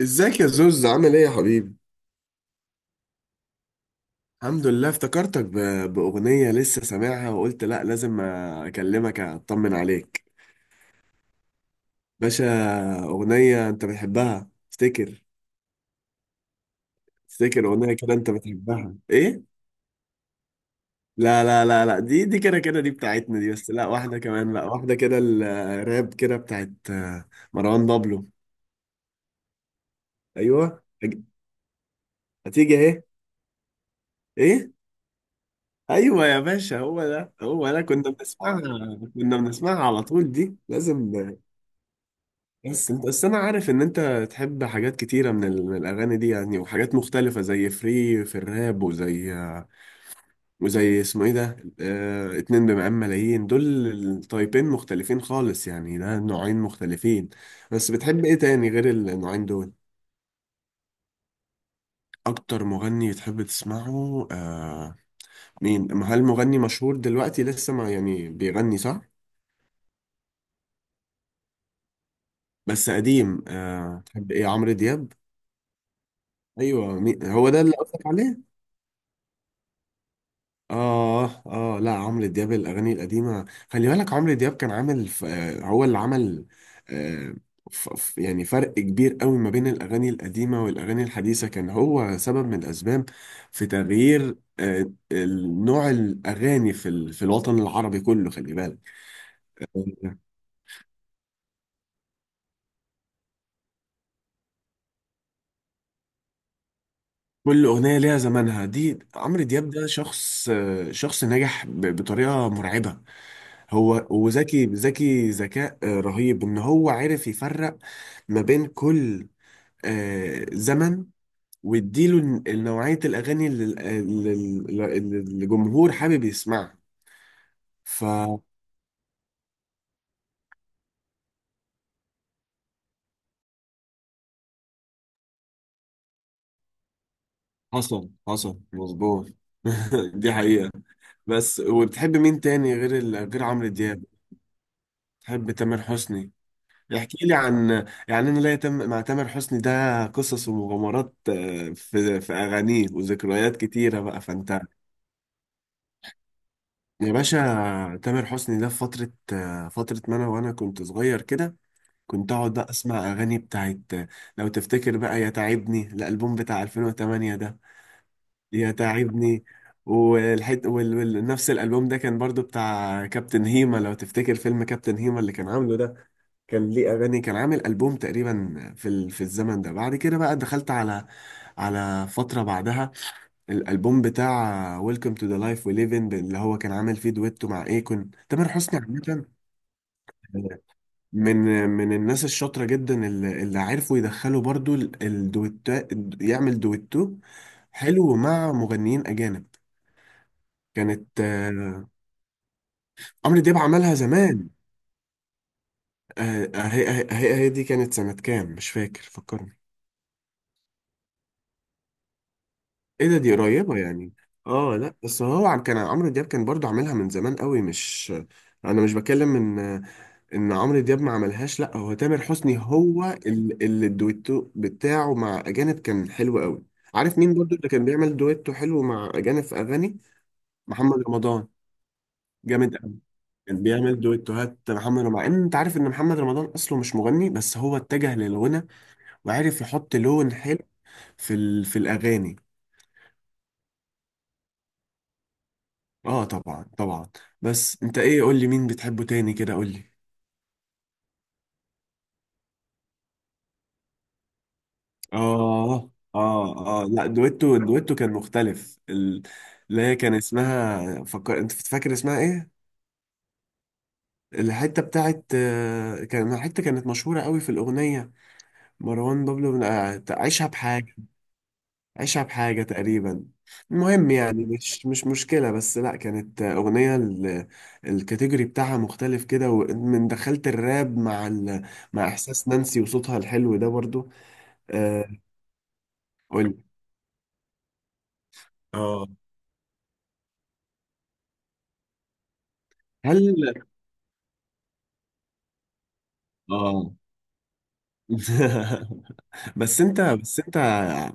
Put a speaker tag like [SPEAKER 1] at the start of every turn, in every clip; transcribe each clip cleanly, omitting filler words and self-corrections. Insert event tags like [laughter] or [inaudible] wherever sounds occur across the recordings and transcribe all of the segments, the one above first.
[SPEAKER 1] ازيك يا زوز، عامل ايه يا حبيبي؟ الحمد لله، افتكرتك باغنيه لسه سامعها وقلت لا، لازم اكلمك اطمن عليك. باشا، اغنيه انت بتحبها افتكر. افتكر اغنيه كده انت بتحبها ايه؟ لا لا لا لا، دي كده كده دي بتاعتنا دي، بس لا، واحده كمان بقى، واحده كده الراب كده بتاعت مروان بابلو. ايوه، هتيجي اهي. ايه؟ ايوه يا باشا، هو ده هو ده كنا بنسمعها. كنا بنسمعها على طول، دي لازم. بس انت بس انا عارف ان انت تحب حاجات كتيره من الاغاني دي يعني، وحاجات مختلفه زي فري في الراب، وزي اسمه ايه ده؟ اه... اتنين بمقام ملايين دول، التايبين مختلفين خالص، يعني ده نوعين مختلفين. بس بتحب ايه تاني غير النوعين دول؟ اكتر مغني تحب تسمعه. مين ما هل مغني مشهور دلوقتي لسه ما يعني بيغني، صح؟ بس قديم. تحب ايه، عمرو دياب؟ ايوه، هو ده اللي قصدك عليه؟ لا، عمرو دياب الأغاني القديمة. خلي بالك عمرو دياب كان عامل ف- آه، هو اللي عمل آه، يعني فرق كبير قوي ما بين الأغاني القديمة والأغاني الحديثة، كان هو سبب من الأسباب في تغيير نوع الأغاني في في الوطن العربي كله، خلي بالك. كل أغنية ليها زمانها. دي عمرو دياب ده شخص، شخص ناجح بطريقة مرعبة. هو وذكي، ذكي ذكاء رهيب، إن هو عرف يفرق ما بين كل زمن، ويديله نوعية الأغاني اللي ال- اللي اللي الجمهور حابب يسمعها. فحصل حصل مظبوط. [laughs] دي حقيقة. بس، وبتحب مين تاني غير غير عمرو دياب؟ بتحب تامر حسني؟ احكي لي عن، يعني انا ليا مع تامر حسني ده قصص ومغامرات، في اغانيه وذكريات كتيره بقى. فانت يا باشا، تامر حسني ده في فتره، فتره ما انا وانا كنت صغير كده. كنت اقعد بقى اسمع اغاني بتاعت. لو تفتكر بقى يا تعبني، الالبوم بتاع 2008 ده، يا تعبني نفس الالبوم ده كان برضو بتاع كابتن هيما، لو تفتكر فيلم كابتن هيما اللي كان عامله ده، كان ليه اغاني، كان عامل البوم تقريبا في في الزمن ده. بعد كده بقى دخلت على فتره بعدها، الالبوم بتاع ويلكم تو ذا لايف وي ليف ان، اللي هو كان عامل فيه دويتو مع ايكون. تامر حسني عامه من الناس الشاطره جدا، اللي, اللي عرفوا يدخلوا برضو الدويتو، يعمل دويتو حلو مع مغنيين اجانب. كانت آه، عمرو دياب عملها زمان. هي دي كانت سنه كام؟ مش فاكر، فكرني. ايه ده؟ دي قريبة يعني. اه لا، بس كان عمرو دياب كان برضو عاملها من زمان قوي، مش، انا مش بكلم ان عمرو دياب ما عملهاش، لا هو تامر حسني هو اللي الدويتو بتاعه مع اجانب كان حلو قوي. عارف مين برضو اللي كان بيعمل دويتو حلو مع اجانب في اغاني؟ محمد رمضان. جامد قوي، كان بيعمل دويتوهات محمد رمضان، مع ان انت عارف ان محمد رمضان اصله مش مغني، بس هو اتجه للغنى، وعرف يحط لون حلو في في الاغاني. اه طبعا طبعا. بس انت ايه، قول لي مين بتحبه تاني كده، قول لي. اه لا، دويتو كان مختلف، اللي هي كان اسمها، فكر انت، فاكر اسمها ايه؟ الحته بتاعت كان حته كانت مشهوره قوي في الاغنيه، مروان بابلو عيشها بحاجه، أشعب حاجة تقريبا. المهم يعني مش مشكلة، بس لأ، كانت أغنية الكاتيجوري بتاعها مختلف كده، ومن دخلت الراب مع مع إحساس نانسي وصوتها الحلو ده برضو. أه، قولي. اه. هل اه. [laughs] بس انت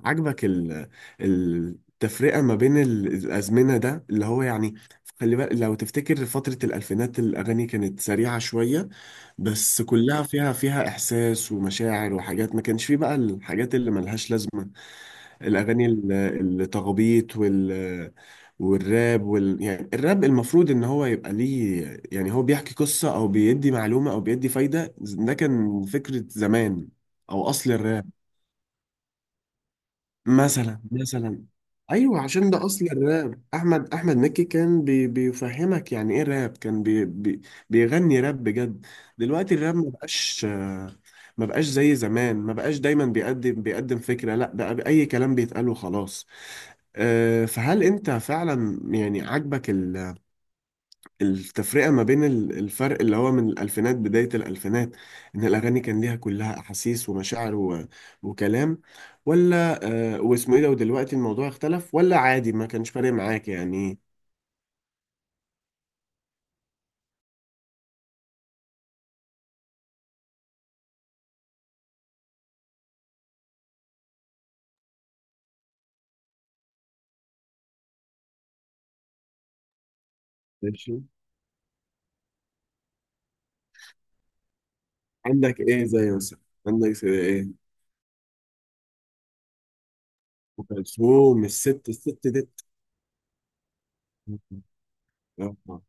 [SPEAKER 1] عاجبك التفرقه ما بين الازمنه ده، اللي هو، يعني خلي بالك، لو تفتكر فتره الالفينات الاغاني كانت سريعه شويه، بس كلها فيها احساس ومشاعر وحاجات، ما كانش فيه بقى الحاجات اللي ملهاش لازمه، الاغاني التخبيط والراب يعني الراب المفروض ان هو يبقى ليه، يعني هو بيحكي قصه او بيدي معلومه او بيدي فايده. ده كان فكره زمان، او اصل الراب. مثلا مثلا. ايوه، عشان ده اصل الراب. احمد مكي كان بيفهمك يعني ايه راب، كان بي بي بيغني راب بجد. دلوقتي الراب ما بقاش، ما بقاش زي زمان، ما بقاش دايما بيقدم، فكرة. لا، بقى اي كلام بيتقال وخلاص. فهل انت فعلا يعني عاجبك التفرقة ما بين الفرق اللي هو من الألفينات، بداية الألفينات، إن الأغاني كان ليها كلها أحاسيس ومشاعر وكلام، ولا واسمه إيه ده، ودلوقتي الموضوع اختلف، ولا عادي ما كانش فارق معاك يعني؟ ماشي. عندك إيه زي مثلا؟ عندك زي إيه؟ أم كلثوم، الست دي. [laughs] آه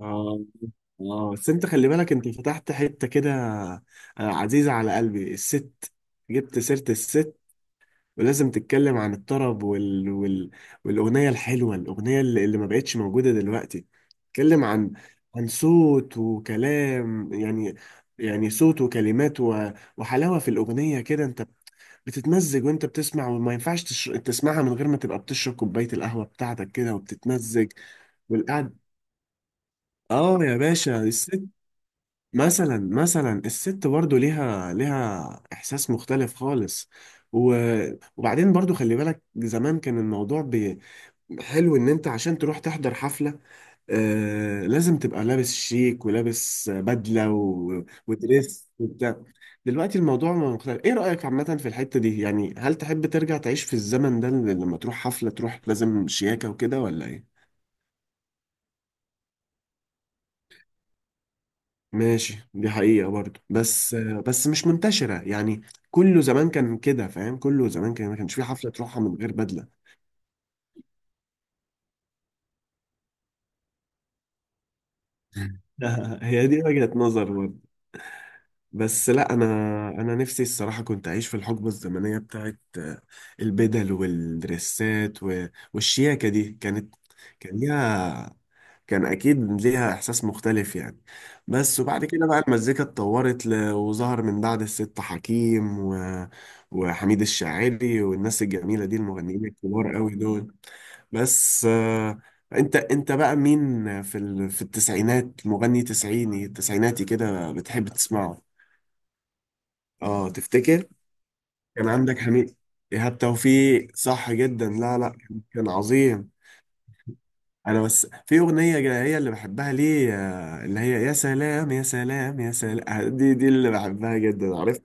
[SPEAKER 1] آه بس أنت خلي بالك، أنت فتحت حتة كده، عزيزة على قلبي الست، جبت سيرة الست، ولازم تتكلم عن الطرب والأغنية الحلوة، الأغنية اللي ما بقتش موجودة دلوقتي، تتكلم عن صوت وكلام يعني، يعني صوت وكلمات وحلاوة في الأغنية كده. أنت بتتمزج وأنت بتسمع، وما ينفعش تسمعها من غير ما تبقى بتشرب كوباية القهوة بتاعتك كده، وبتتمزج والقعد. يا باشا. مثلا مثلا، الست برضو ليها احساس مختلف خالص. و... وبعدين برضو، خلي بالك زمان كان الموضوع حلو ان انت عشان تروح تحضر حفلة، لازم تبقى لابس شيك، ولابس بدلة ودريس وبتاع. دلوقتي الموضوع مختلف. ايه رأيك عامة في الحتة دي يعني، هل تحب ترجع تعيش في الزمن ده، لما تروح حفلة تروح لازم شياكة وكده ولا ايه؟ ماشي، دي حقيقة برضو، بس مش منتشرة يعني. كله زمان كان كده، فاهم؟ كله زمان كان ما كانش في حفلة تروحها من غير بدلة. [laughs] هي دي وجهة نظر. بس لا، انا نفسي الصراحه كنت اعيش في الحقبه الزمنيه بتاعت البدل والدريسات والشياكه، دي كانت، كان ليها كان اكيد ليها احساس مختلف يعني. بس وبعد كده بقى المزيكا اتطورت وظهر من بعد الست حكيم وحميد الشاعري والناس الجميله دي، المغنيين الكبار قوي دول. بس، انت بقى مين في في التسعينات، مغني تسعيني تسعيناتي كده بتحب تسمعه؟ اه تفتكر. كان عندك حميد. ايهاب توفيق، صح جدا، لا لا، كان عظيم. انا بس في اغنيه هي اللي بحبها ليه، اللي هي يا سلام يا سلام يا سلام، دي اللي بحبها جدا، عرفت؟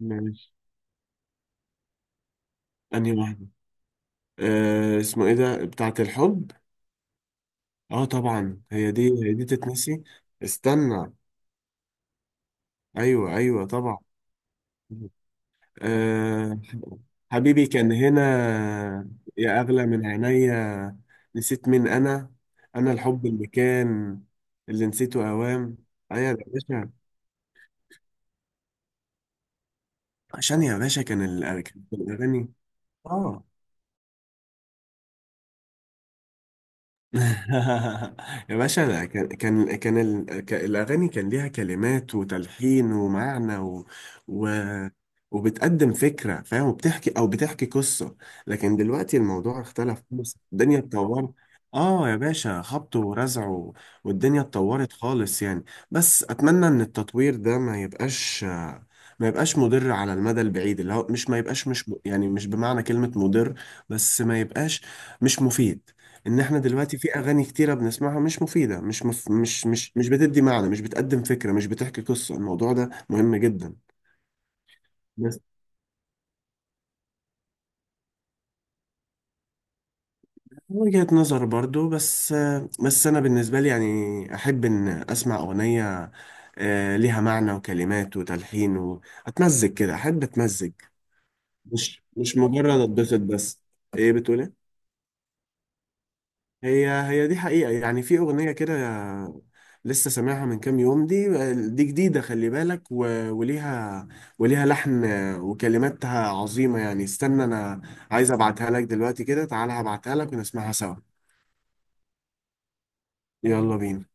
[SPEAKER 1] ماشي، انهي واحده؟ اسمه ايه ده، بتاعه الحب؟ اه طبعا، هي دي تتنسي. استنى. ايوه ايوه طبعا. أه. حبيبي كان هنا، يا أغلى من عينيا، نسيت مين أنا، أنا الحب اللي كان، اللي نسيته أوام. أيوة يا باشا. عشان يا باشا، كان الأغاني. آه. [laughs] يا باشا، ده الأغاني كان ليها كلمات وتلحين ومعنى و... وبتقدم فكرة، فاهم، وبتحكي أو بتحكي قصة. لكن دلوقتي الموضوع اختلف خالص، الدنيا اتطورت. يا باشا، خبط ورزع والدنيا اتطورت خالص يعني. بس أتمنى إن التطوير ده ما يبقاش مضر على المدى البعيد، اللي هو مش، ما يبقاش مش يعني، مش بمعنى كلمة مضر، بس ما يبقاش مش مفيد، ان احنا دلوقتي في اغاني كتيره بنسمعها مش مفيده، مش مف... مش مش مش بتدي معنى، مش بتقدم فكره، مش بتحكي قصه. الموضوع ده مهم جدا. بس وجهة نظر برضو، بس، بس انا بالنسبه لي يعني، احب ان اسمع اغنيه ليها معنى وكلمات وتلحين، واتمزج كده، احب اتمزج، مش مجرد اتبسط بس. ايه بتقولي؟ هي دي حقيقة يعني. في أغنية كده لسه سامعها من كام يوم دي، دي جديدة خلي بالك، وليها وليها لحن، وكلماتها عظيمة يعني. استنى أنا عايز أبعتها لك دلوقتي كده، تعالى هبعتها لك ونسمعها سوا. يلا بينا.